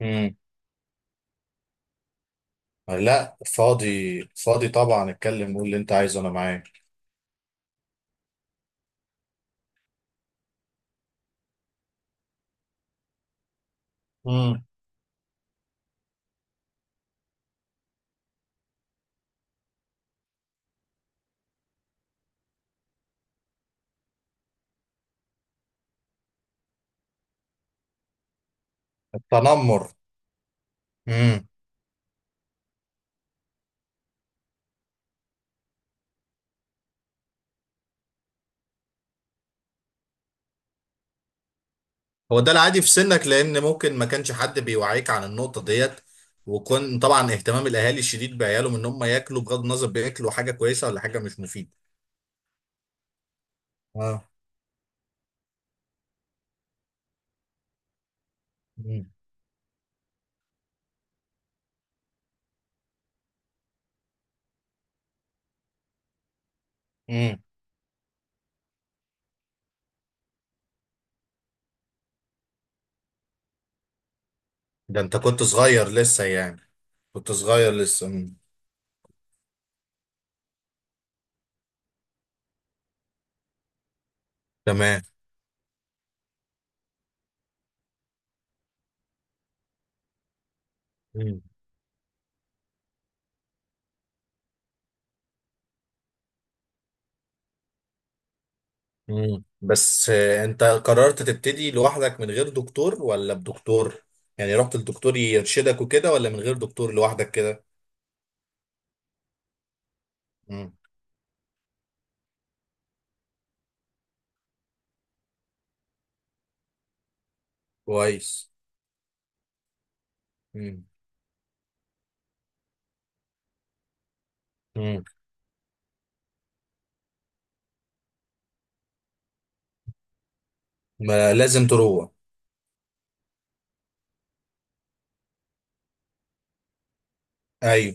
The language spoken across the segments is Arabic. امم لا، فاضي فاضي طبعا، اتكلم قول اللي انت عايزه، انا معاك. امم التنمر. امم هو ده العادي في سنك، لان ممكن ما كانش حد بيوعيك عن النقطة ديت. وكون طبعا اهتمام الاهالي الشديد بعيالهم ان هم ياكلوا، بغض النظر بياكلوا حاجة كويسة ولا حاجة مش مفيدة. اه. امم امم ده انت كنت صغير لسه يعني. كنت صغير لسه. مم. تمام. مم. بس انت قررت تبتدي لوحدك، من غير دكتور ولا بدكتور؟ يعني رحت للدكتور يرشدك وكده، ولا من غير دكتور لوحدك كده؟ مم. كويس. مم. مم. ما لازم تروح. ايوه.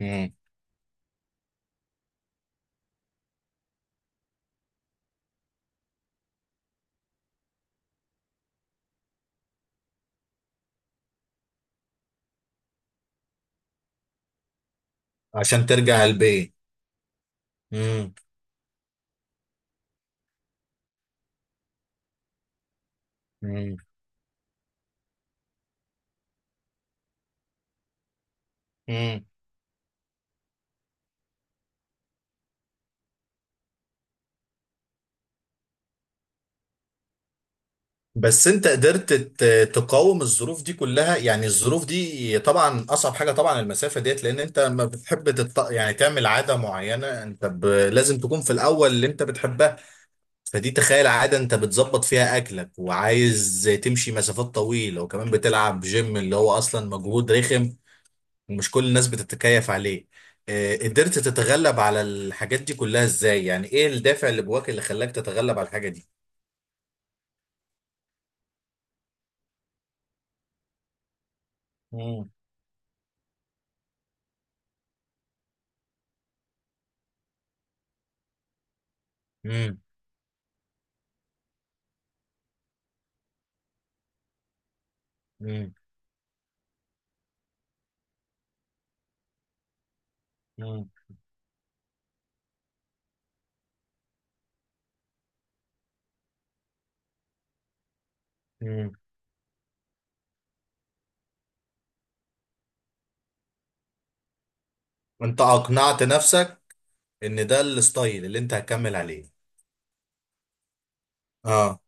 مم. عشان ترجع البيت. مم. مم. مم. بس انت قدرت تقاوم الظروف دي كلها يعني. الظروف دي طبعا اصعب حاجه، طبعا المسافه ديت، لان انت ما بتحب يعني تعمل عاده معينه، انت لازم تكون في الاول اللي انت بتحبها. فدي تخيل عادة انت بتظبط فيها اكلك وعايز تمشي مسافات طويلة، وكمان بتلعب جيم اللي هو اصلا مجهود رخم. ومش كل الناس بتتكيف عليه. قدرت تتغلب على الحاجات دي كلها ازاي؟ يعني ايه الدافع اللي جواك اللي خلاك تتغلب على الحاجة دي؟ مم. مم. مم. مم. مم. انت اقنعت نفسك ان ده الستايل اللي انت هتكمل عليه. اه.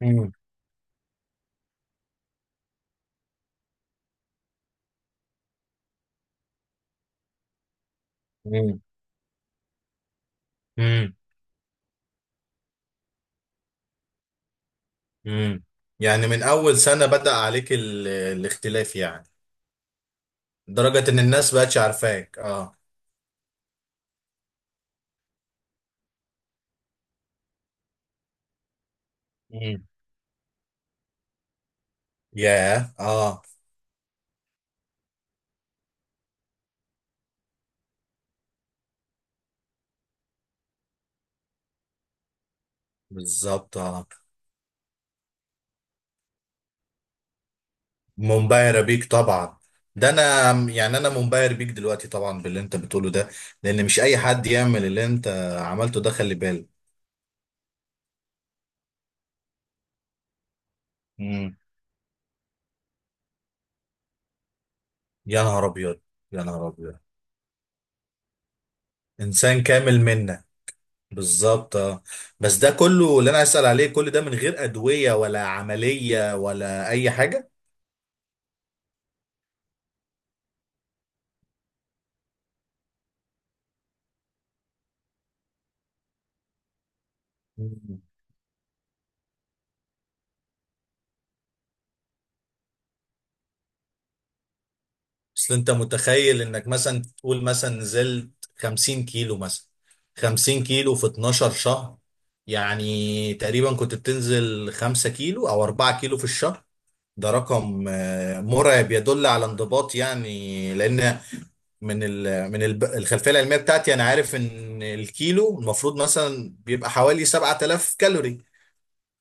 مم. مم. مم. مم. يعني من اول سنة بدأ عليك الاختلاف يعني. لدرجة ان الناس بقتش عارفاك؟ اه. مم. ياه. اه. بالظبط. اه. منبهرة بيك طبعا. ده انا يعني انا منبهر بيك دلوقتي طبعا باللي انت بتقوله ده. لان مش اي حد يعمل اللي انت عملته ده، خلي بالك. مم. يا نهار ابيض. يا نهار ابيض. انسان كامل منا. بالظبط. اه. بس ده كله اللي انا عايز اسال عليه، كل ده من غير ادويه ولا عمليه ولا اي حاجه؟ اصل انت متخيل انك مثلا تقول، مثلا نزلت 50 كيلو، مثلا 50 كيلو في 12 شهر. يعني تقريبا كنت بتنزل 5 كيلو او 4 كيلو في الشهر. ده رقم مرعب، يدل على انضباط يعني. لان من الخلفيه العلميه بتاعتي، انا عارف ان الكيلو المفروض مثلا بيبقى حوالي 7000 كالوري.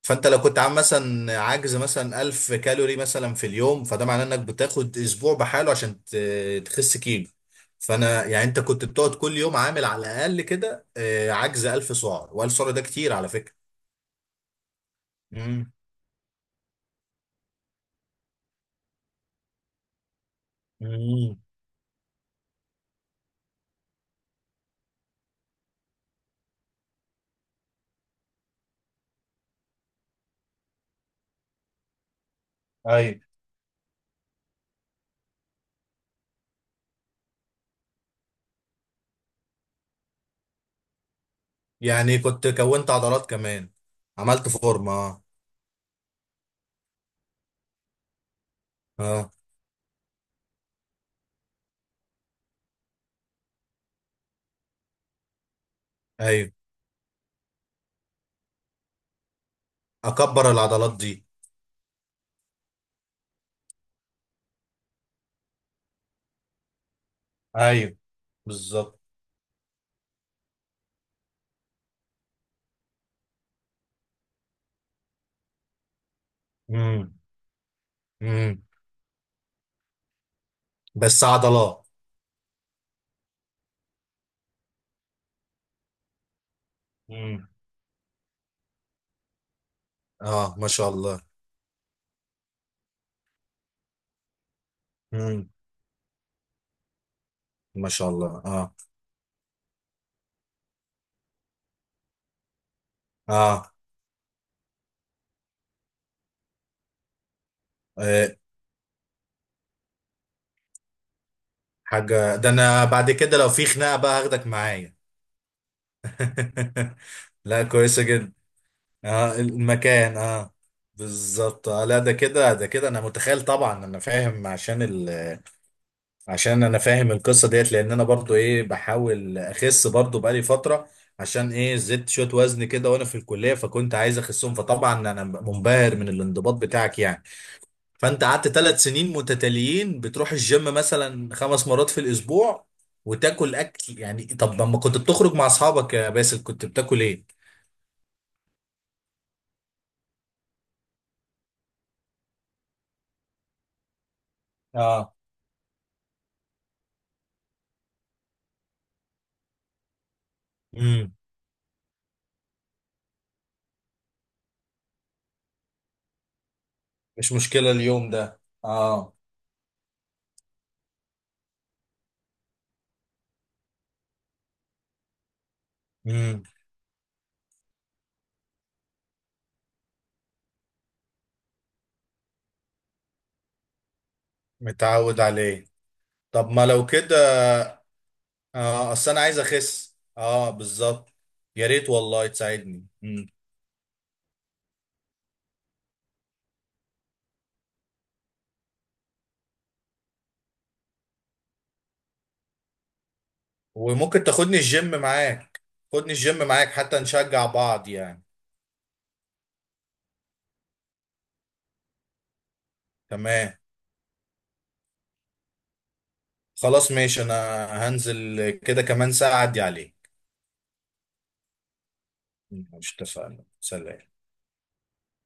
فانت لو كنت عامل مثلا عجز مثلا 1000 كالوري مثلا في اليوم، فده معناه انك بتاخد اسبوع بحاله عشان تخس كيلو. فانا يعني انت كنت بتقعد كل يوم عامل على الاقل كده عجز 1000 سعر، و1000 سعر ده كتير على فكره. امم امم ايوه، يعني كنت كونت عضلات كمان؟ عملت فورمه اه. اه. ايوه. اكبر العضلات دي. ايوه، بالظبط. امم امم بس عضلات. امم اه، ما شاء الله. امم ما شاء الله. اه. اه. إيه، حاجة، ده انا بعد كده لو في خناقة بقى هاخدك معايا. لا، كويسة جدا. اه المكان. اه بالظبط. لا، ده كده، ده كده. انا متخيل طبعا، انا فاهم عشان عشان انا فاهم القصة ديت، لان انا برضو ايه بحاول اخس برضو بقالي فترة. عشان ايه زدت شوية وزن كده وانا في الكلية، فكنت عايز اخسهم. فطبعا انا منبهر من الانضباط بتاعك يعني. فانت قعدت 3 سنين متتاليين بتروح الجيم مثلا خمس مرات في الاسبوع، وتاكل اكل. يعني طب لما كنت بتخرج مع اصحابك يا باسل كنت بتاكل ايه؟ اه. امم مش مشكلة اليوم ده. اه. امم متعود عليه. طب ما لو كده. اه، اصل انا عايز اخس، اه، بالظبط. يا ريت والله تساعدني. وممكن تاخدني الجيم معاك؟ خدني الجيم معاك حتى نشجع بعض يعني. تمام. خلاص ماشي. انا هنزل كده كمان ساعة اعدي عليك. مش اتفقنا؟ سلام.